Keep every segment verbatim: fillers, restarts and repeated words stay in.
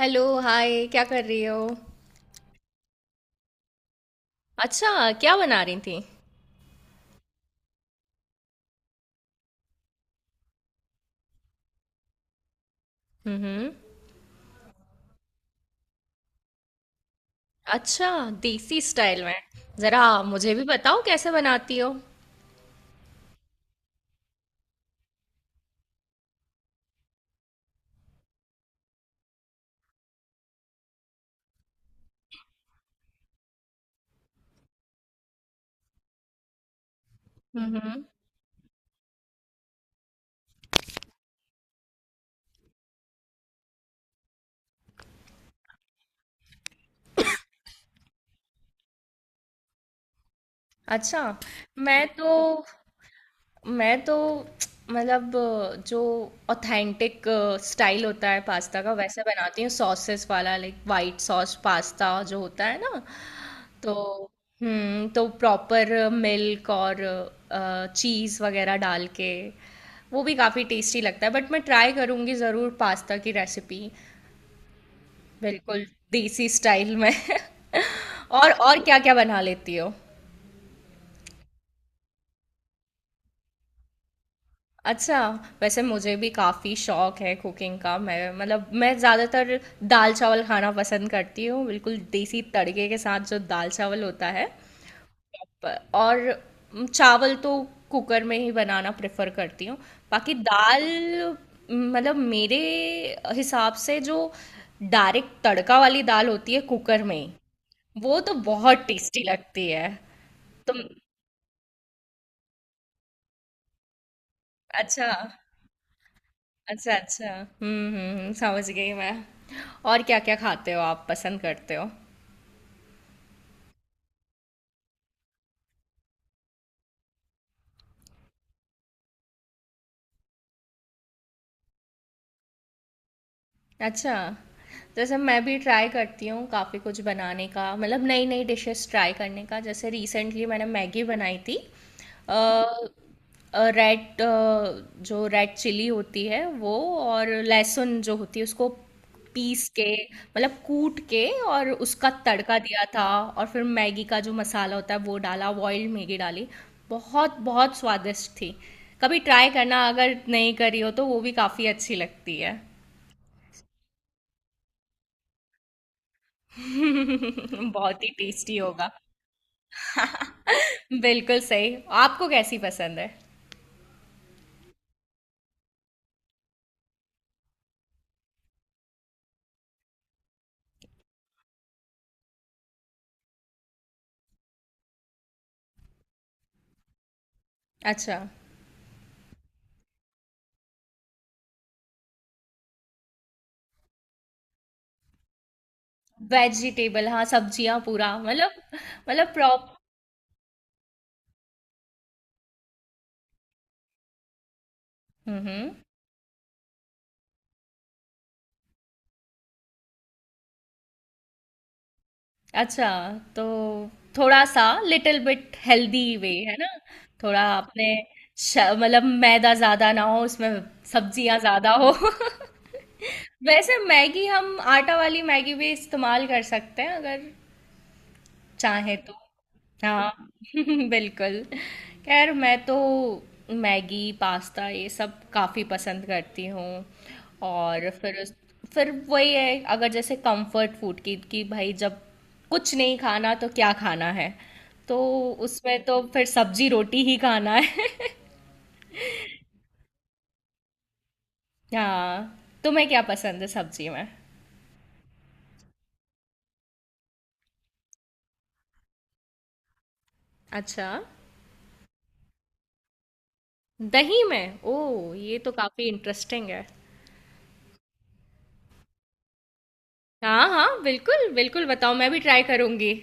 Hello hi, क्या कर रही हो। अच्छा, क्या बना रही थी। हम्म। अच्छा। देसी स्टाइल में। जरा मुझे भी बताओ कैसे बनाती हो। हम्म। अच्छा। मैं तो मैं तो मतलब जो ऑथेंटिक स्टाइल होता है पास्ता का वैसे बनाती हूँ, सॉसेस वाला, लाइक वाइट सॉस पास्ता जो होता है ना। तो हम्म, तो प्रॉपर मिल्क और चीज़ वगैरह डाल के वो भी काफ़ी टेस्टी लगता है, बट मैं ट्राई करूँगी ज़रूर पास्ता की रेसिपी। बिल्कुल देसी स्टाइल में। और और क्या क्या बना लेती हो। अच्छा, वैसे मुझे भी काफ़ी शौक है कुकिंग का। मैं मतलब मैं ज़्यादातर दाल चावल खाना पसंद करती हूँ, बिल्कुल देसी तड़के के साथ जो दाल चावल होता है। प- और म, चावल तो कुकर में ही बनाना प्रेफर करती हूँ। बाकी दाल म, मतलब मेरे हिसाब से जो डायरेक्ट तड़का वाली दाल होती है कुकर में, वो तो बहुत टेस्टी लगती है। तुम। अच्छा। अच्छा अच्छा, हम्म हम्म हम्म, समझ गई मैं। और क्या क्या खाते हो आप, पसंद करते हो। अच्छा, जैसे मैं भी ट्राई करती हूँ काफ़ी कुछ बनाने का, मतलब नई नई डिशेस ट्राई करने का। जैसे रिसेंटली मैंने मैगी बनाई थी। रेड जो रेड चिली होती है वो और लहसुन जो होती है उसको पीस के, मतलब कूट के, और उसका तड़का दिया था। और फिर मैगी का जो मसाला होता है वो डाला, बॉइल्ड मैगी डाली। बहुत बहुत स्वादिष्ट थी। कभी ट्राई करना, अगर नहीं करी हो तो, वो भी काफ़ी अच्छी लगती है। बहुत ही टेस्टी होगा। बिल्कुल सही। आपको कैसी पसंद है। अच्छा। वेजिटेबल, हाँ सब्जियां पूरा मतलब, मतलब प्रॉप हम्म हम्म, अच्छा, तो थोड़ा सा लिटिल बिट हेल्दी वे है ना। थोड़ा अपने श- मतलब मैदा ज्यादा ना हो उसमें, सब्जियां ज्यादा हो। वैसे मैगी हम आटा वाली मैगी भी इस्तेमाल कर सकते हैं, अगर चाहे तो। हाँ। बिल्कुल। खैर मैं तो मैगी पास्ता ये सब काफ़ी पसंद करती हूँ। और फिर उस फिर वही है, अगर जैसे कंफर्ट फूड की कि भाई जब कुछ नहीं खाना तो क्या खाना है, तो उसमें तो फिर सब्जी रोटी ही खाना है। हाँ, तुम्हें क्या पसंद है सब्जी में। अच्छा। दही में, ओ ये तो काफ़ी इंटरेस्टिंग है। हाँ हाँ, बिल्कुल बिल्कुल बताओ, मैं भी ट्राई करूंगी।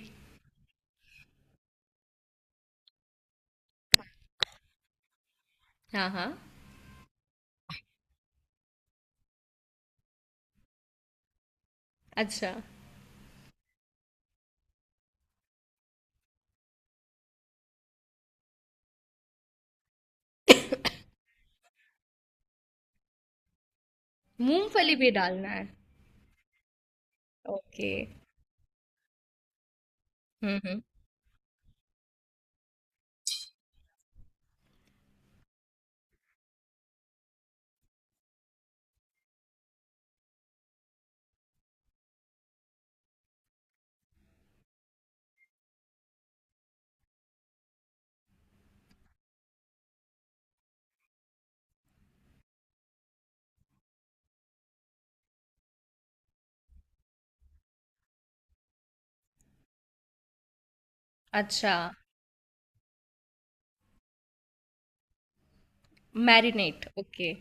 हाँ हाँ। अच्छा। मूंगफली भी डालना है। ओके। हम्म हम्म। अच्छा। Marinate, okay.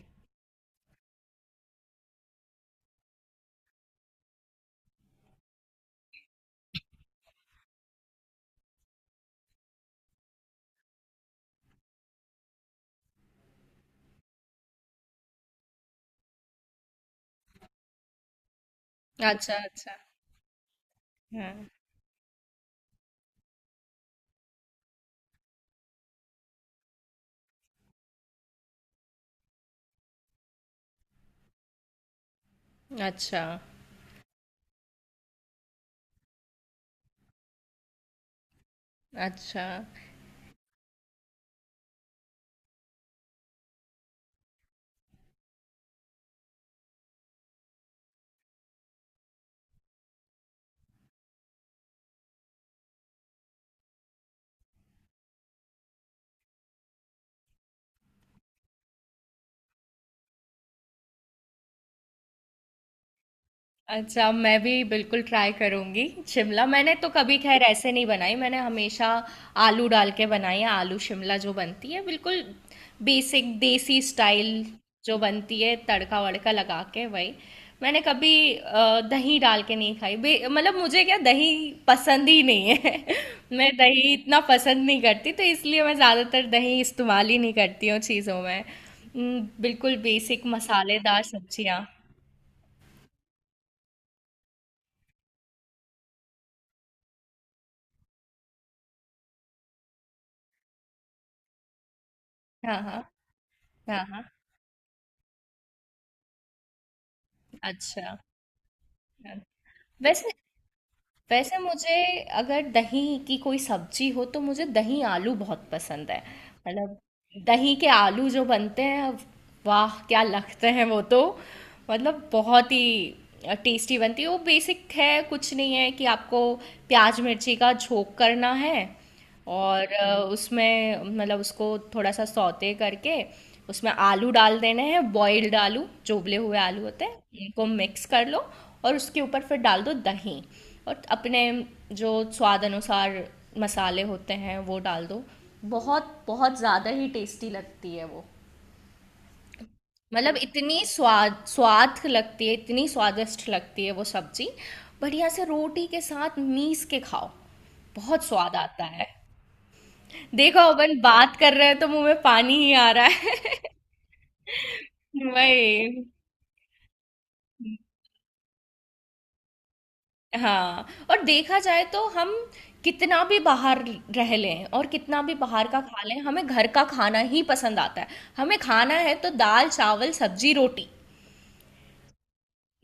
अच्छा अच्छा, हाँ। अच्छा, अच्छा, अच्छा, मैं भी बिल्कुल ट्राई करूँगी शिमला। मैंने तो कभी खैर ऐसे नहीं बनाई, मैंने हमेशा आलू डाल के बनाई है। आलू शिमला जो बनती है, बिल्कुल बेसिक देसी स्टाइल जो बनती है, तड़का वड़का लगा के, वही। मैंने कभी अ, दही डाल के नहीं खाई। बे- मतलब मुझे क्या, दही पसंद ही नहीं है। मैं दही इतना पसंद नहीं करती, तो इसलिए मैं ज़्यादातर दही इस्तेमाल ही नहीं करती हूँ चीज़ों में। हम्म, बिल्कुल बेसिक मसालेदार सब्जियाँ। हाँ हाँ हाँ हाँ। अच्छा। हाँ। वैसे वैसे मुझे अगर दही की कोई सब्जी हो तो मुझे दही आलू बहुत पसंद है। मतलब दही के आलू जो बनते हैं, वाह क्या लगते हैं वो तो, मतलब बहुत ही टेस्टी बनती है वो। बेसिक है, कुछ नहीं है कि आपको प्याज मिर्ची का झोंक करना है और अ, उसमें मतलब उसको थोड़ा सा सौते करके उसमें आलू डाल देने हैं। बॉइल्ड आलू, चोबले हुए आलू होते हैं, इनको मिक्स कर लो, और उसके ऊपर फिर डाल दो दही, और अपने जो स्वाद अनुसार मसाले होते हैं वो डाल दो। बहुत बहुत ज़्यादा ही टेस्टी लगती है वो, मतलब इतनी स्वाद स्वाद लगती है, इतनी स्वादिष्ट लगती है वो सब्जी। बढ़िया से रोटी के साथ मीस के खाओ, बहुत स्वाद आता है। देखो अपन बात कर रहे हैं तो मुंह में पानी ही आ रहा है। वही। हाँ, और देखा जाए तो हम कितना भी बाहर रह लें और कितना भी बाहर का खा लें, हमें घर का खाना ही पसंद आता है। हमें खाना है तो दाल चावल सब्जी रोटी,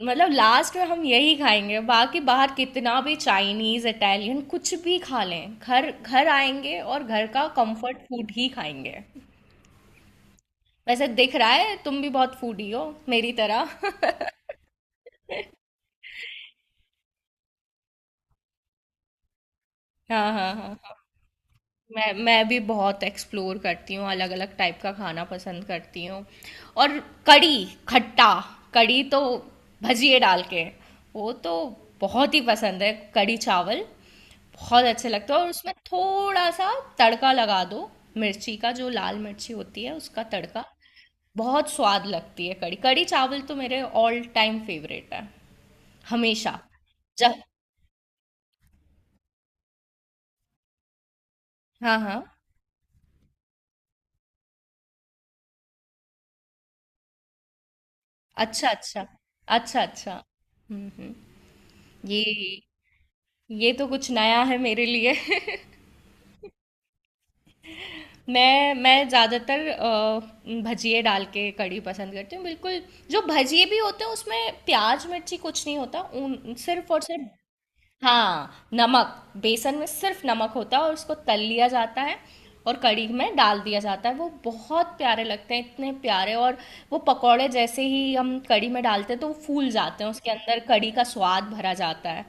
मतलब लास्ट में हम यही खाएंगे। बाकी बाहर कितना भी चाइनीज इटालियन कुछ भी खा लें, घर घर आएंगे और घर का कंफर्ट फूड ही खाएंगे। वैसे दिख रहा है तुम भी बहुत फूडी हो, मेरी तरह। हाँ हाँ हाँ। मैं मैं भी बहुत एक्सप्लोर करती हूँ, अलग अलग टाइप का खाना पसंद करती हूँ। और कड़ी खट्टा, कड़ी तो भजिए डाल के, वो तो बहुत ही पसंद है। कड़ी चावल बहुत अच्छे लगते हैं, और उसमें थोड़ा सा तड़का लगा दो, मिर्ची का, जो लाल मिर्ची होती है उसका तड़का, बहुत स्वाद लगती है कड़ी। कड़ी चावल तो मेरे ऑल टाइम फेवरेट है हमेशा। जब, हाँ हाँ। अच्छा अच्छा, अच्छा अच्छा, हम्म हम्म। ये ये तो कुछ नया है मेरे लिए। मैं मैं ज़्यादातर अ, भजिए डाल के कढ़ी पसंद करती हूँ। बिल्कुल, जो भजिए भी होते हैं उसमें प्याज मिर्ची कुछ नहीं होता, उन सिर्फ और सिर्फ, हाँ नमक, बेसन में सिर्फ नमक होता है, और उसको तल लिया जाता है और कढ़ी में डाल दिया जाता है। वो बहुत प्यारे लगते हैं, इतने प्यारे। और वो पकौड़े जैसे ही हम कढ़ी में डालते हैं तो वो फूल जाते हैं, उसके अंदर कढ़ी का स्वाद भरा जाता है।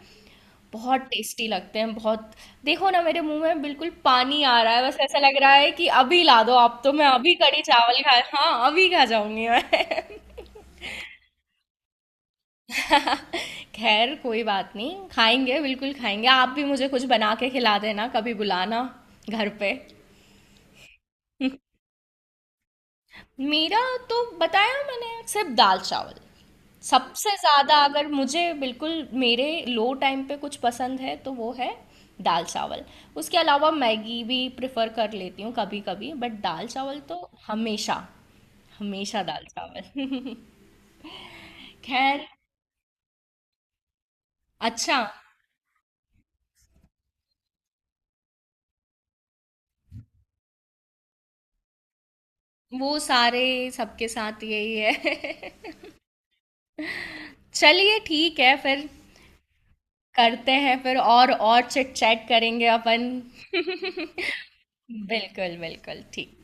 बहुत टेस्टी लगते हैं, बहुत। देखो ना, मेरे मुंह में बिल्कुल पानी आ रहा है, बस ऐसा लग रहा है कि अभी ला दो आप तो मैं अभी कढ़ी चावल खा, हाँ अभी खा जाऊंगी मैं। खैर कोई बात नहीं, खाएंगे बिल्कुल, खाएंगे। आप भी मुझे कुछ बना के खिला देना, कभी बुलाना घर पे। मेरा, तो बताया मैंने, सिर्फ दाल चावल। सबसे ज़्यादा अगर मुझे बिल्कुल मेरे लो टाइम पे कुछ पसंद है तो वो है दाल चावल। उसके अलावा मैगी भी प्रेफर कर लेती हूँ कभी कभी, बट दाल चावल तो हमेशा, हमेशा दाल चावल। खैर। अच्छा, वो सारे सबके साथ यही है। चलिए ठीक है फिर, करते हैं फिर, और और चिट चैट करेंगे अपन। बिल्कुल बिल्कुल ठीक।